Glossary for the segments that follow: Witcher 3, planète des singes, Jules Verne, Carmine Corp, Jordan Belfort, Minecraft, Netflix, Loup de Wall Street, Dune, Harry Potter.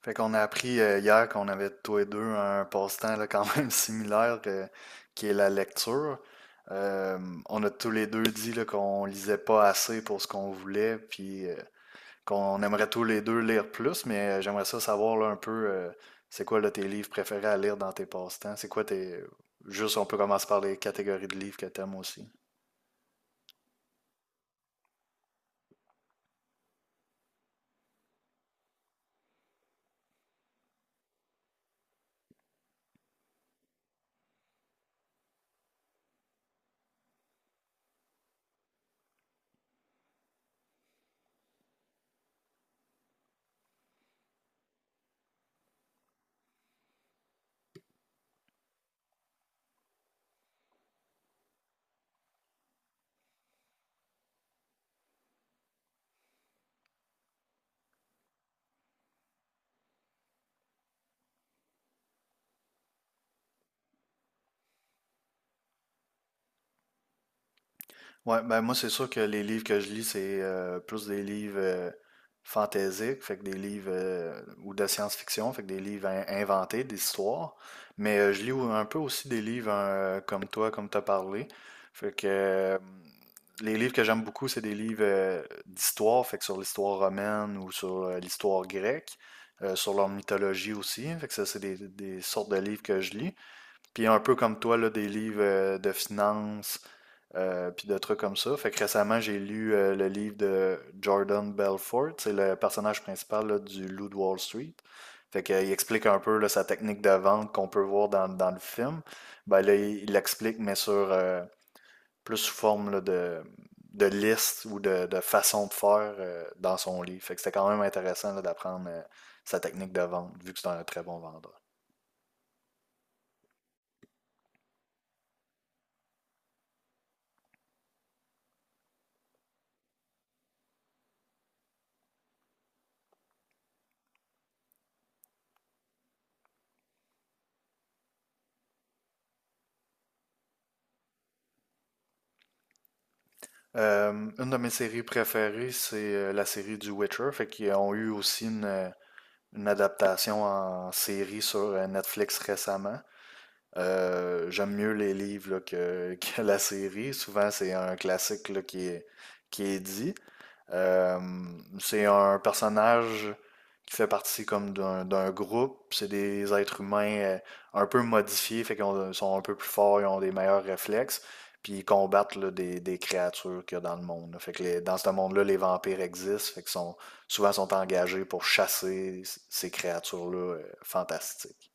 Fait qu'on a appris hier qu'on avait tous les deux un passe-temps là, quand même similaire qui est la lecture. Euh, on a tous les deux dit là, qu'on lisait pas assez pour ce qu'on voulait, puis qu'on aimerait tous les deux lire plus, mais j'aimerais ça savoir là, un peu c'est quoi là, tes livres préférés à lire dans tes passe-temps? C'est quoi tes. Juste, on peut commencer par les catégories de livres que t'aimes aussi. Ouais, ben moi, c'est sûr que les livres que je lis, c'est plus des livres fantaisiques, fait que des livres ou de science-fiction, fait que des livres inventés, des histoires. Mais je lis un peu aussi des livres comme toi, comme t'as parlé. Fait que les livres que j'aime beaucoup, c'est des livres d'histoire, fait que sur l'histoire romaine ou sur l'histoire grecque, sur leur mythologie aussi. Fait que ça, c'est des sortes de livres que je lis. Puis un peu comme toi, là, des livres de finance, puis de trucs comme ça. Fait que récemment, j'ai lu le livre de Jordan Belfort. C'est le personnage principal là, du Loup de Wall Street. Fait que, il explique un peu là, sa technique de vente qu'on peut voir dans, dans le film. Ben, là, il l'explique, mais sur plus sous forme là, de liste ou de façon de faire dans son livre. Fait que c'était quand même intéressant là, d'apprendre sa technique de vente, vu que c'est un très bon vendeur. Une de mes séries préférées, c'est la série du Witcher, fait qu'ils ont eu aussi une adaptation en série sur Netflix récemment. J'aime mieux les livres là, que, que la série. Souvent, c'est un classique là, qui est dit. Euh, c'est un personnage qui fait partie comme d'un groupe. C'est des êtres humains un peu modifiés, fait qu'ils sont un peu plus forts, ils ont des meilleurs réflexes, puis ils combattent là, des créatures qu'il y a dans le monde. Là. Fait que dans ce monde-là, les vampires existent, fait qu'ils sont souvent sont engagés pour chasser ces créatures-là fantastiques.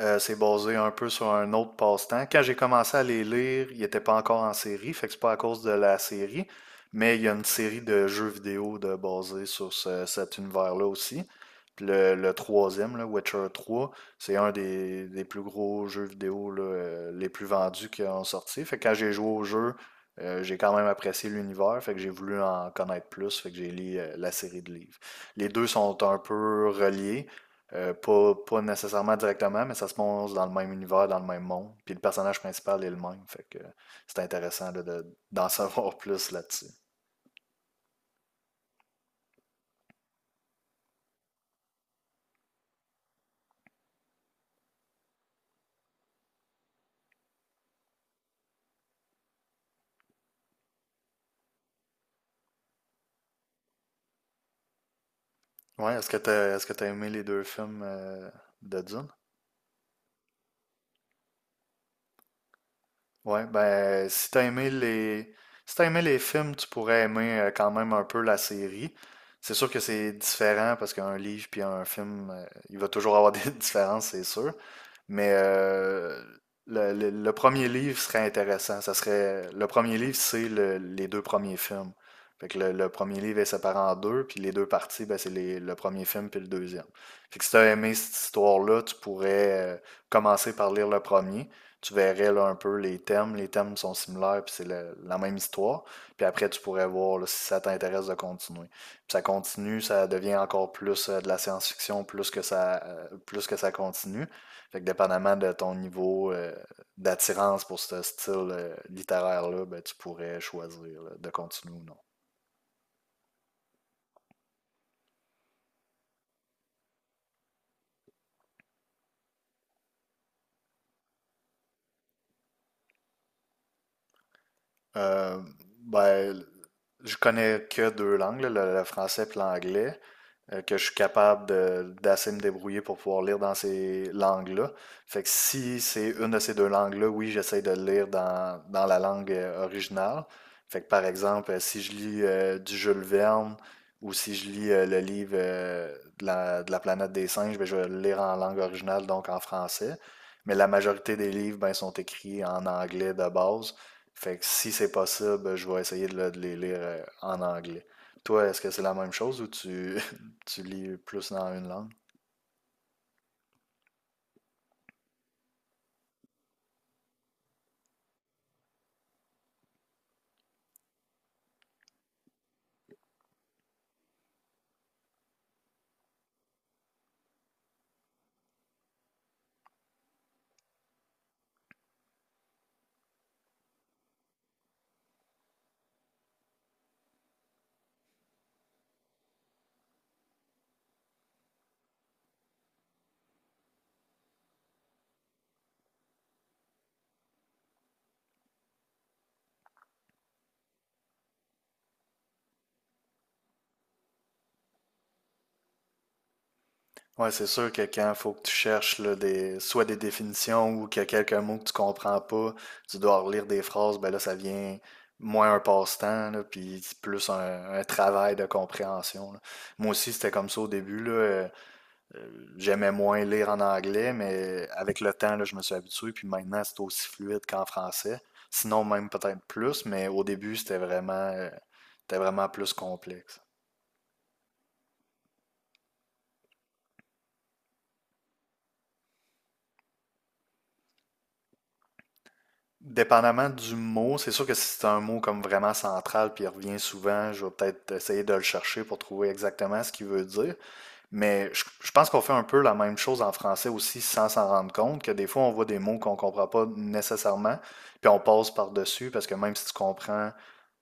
C'est basé un peu sur un autre passe-temps. Quand j'ai commencé à les lire, ils n'étaient pas encore en série, fait que c'est pas à cause de la série, mais il y a une série de jeux vidéo de, basés sur cet univers-là aussi. Puis le troisième, là, Witcher 3, c'est un des plus gros jeux vidéo là, les plus vendus qui ont sorti. Fait que quand j'ai joué au jeu, j'ai quand même apprécié l'univers, fait que j'ai voulu en connaître plus, fait que j'ai lu la série de livres. Les deux sont un peu reliés. Pas, pas nécessairement directement, mais ça se passe dans le même univers, dans le même monde. Puis le personnage principal est le même. Fait que c'est intéressant de, d'en savoir plus là-dessus. Ouais, est-ce que t'as aimé les deux films de Dune? Ouais, ben, si t'as aimé les... si t'as aimé les films, tu pourrais aimer quand même un peu la série. C'est sûr que c'est différent parce qu'un livre puis un film, il va toujours avoir des différences, c'est sûr. Mais le, le premier livre serait intéressant. Ça serait, le premier livre, c'est les deux premiers films. Fait que le premier livre est séparé en deux, puis les deux parties, ben, c'est le premier film puis le deuxième. Fait que si t'as aimé cette histoire-là, tu pourrais commencer par lire le premier tu verrais là, un peu les thèmes. Les thèmes sont similaires, puis c'est la même histoire. Puis après, tu pourrais voir là, si ça t'intéresse de continuer. Puis ça continue, ça devient encore plus de la science-fiction, plus que ça continue. Fait que dépendamment de ton niveau d'attirance pour ce style littéraire-là, ben, tu pourrais choisir là, de continuer ou non. Euh, ben, je connais que deux langues, là, le français et l'anglais. Que je suis capable de- d'assez me débrouiller pour pouvoir lire dans ces langues-là. Fait que si c'est une de ces deux langues-là, oui, j'essaie de le lire dans, dans la langue originale. Fait que par exemple, si je lis du Jules Verne ou si je lis le livre de la planète des singes, ben, je vais le lire en langue originale, donc en français. Mais la majorité des livres ben, sont écrits en anglais de base. Fait que si c'est possible, ben, je vais essayer de, de les lire en anglais. Toi, est-ce que c'est la même chose ou tu lis plus dans une langue. Ouais, c'est sûr que quand il faut que tu cherches là, des, soit des définitions ou qu'il y a quelques mots que tu comprends pas, tu dois relire des phrases, ben là, ça devient moins un passe-temps, là, puis c'est plus un travail de compréhension. Là. Moi aussi, c'était comme ça au début, là, j'aimais moins lire en anglais, mais avec le temps, là, je me suis habitué, puis maintenant, c'est aussi fluide qu'en français. Sinon, même peut-être plus, mais au début, c'était vraiment plus complexe. Dépendamment du mot, c'est sûr que si c'est un mot comme vraiment central puis il revient souvent, je vais peut-être essayer de le chercher pour trouver exactement ce qu'il veut dire. Mais je pense qu'on fait un peu la même chose en français aussi sans s'en rendre compte, que des fois on voit des mots qu'on comprend pas nécessairement, puis on passe par-dessus parce que même si tu comprends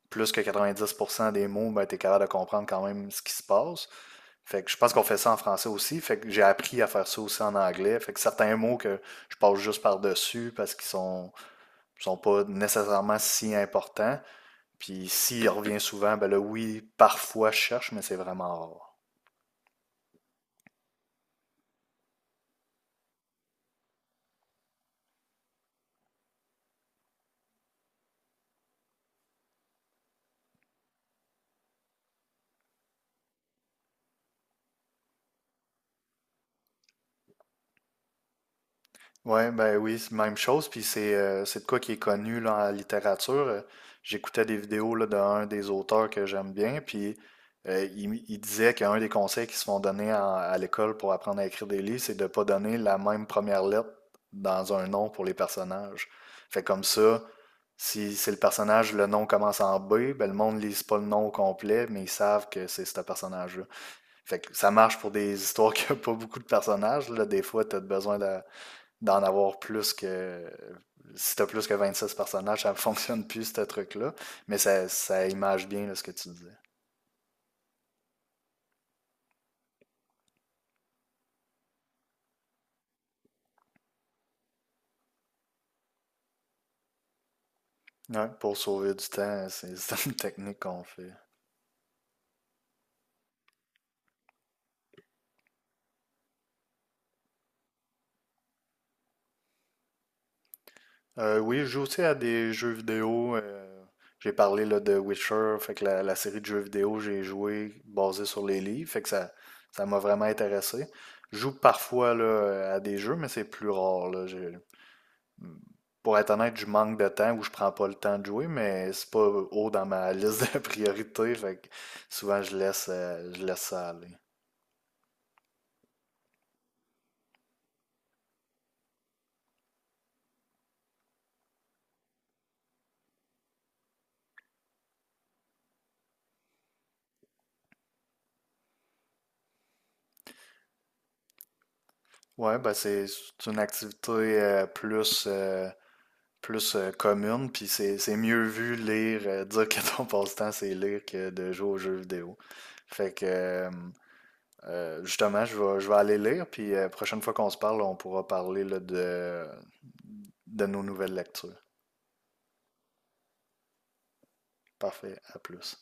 plus que 90% des mots, ben, tu es capable de comprendre quand même ce qui se passe. Fait que je pense qu'on fait ça en français aussi. Fait que j'ai appris à faire ça aussi en anglais. Fait que certains mots que je passe juste par-dessus parce qu'ils sont sont pas nécessairement si importants. Puis s'il revient souvent, ben là, oui, parfois je cherche, mais c'est vraiment rare. Ouais, ben oui, c'est même chose, puis c'est de quoi qui est connu là, en littérature. J'écoutais des vidéos là, d'un des auteurs que j'aime bien, puis il disait qu'un des conseils qui se font donner à l'école pour apprendre à écrire des livres, c'est de pas donner la même première lettre dans un nom pour les personnages. Fait comme ça, si c'est le personnage, le nom commence en B, ben le monde ne lise pas le nom au complet, mais ils savent que c'est ce personnage-là. Fait que ça marche pour des histoires qui n'ont pas beaucoup de personnages. Là, des fois, tu as besoin de d'en avoir plus que. Si t'as plus que 26 personnages, ça ne fonctionne plus, ce truc-là. Mais ça image bien là, ce que tu disais. Ouais, pour sauver du temps, c'est une technique qu'on fait. Oui, je joue aussi à des jeux vidéo. J'ai parlé là, de Witcher, fait que la série de jeux vidéo, j'ai joué basée sur les livres, fait que ça m'a vraiment intéressé. Je joue parfois là, à des jeux, mais c'est plus rare. Là. J'ai- Pour être honnête, je manque de temps ou je prends pas le temps de jouer, mais c'est pas haut dans ma liste de priorités, fait que souvent je laisse ça aller. Ouais, ben c'est une activité plus, plus commune, puis c'est mieux vu lire, dire que ton passe-temps c'est lire que de jouer aux jeux vidéo. Fait que justement, je vais aller lire, puis la prochaine fois qu'on se parle, on pourra parler là, de nos nouvelles lectures. Parfait, à plus.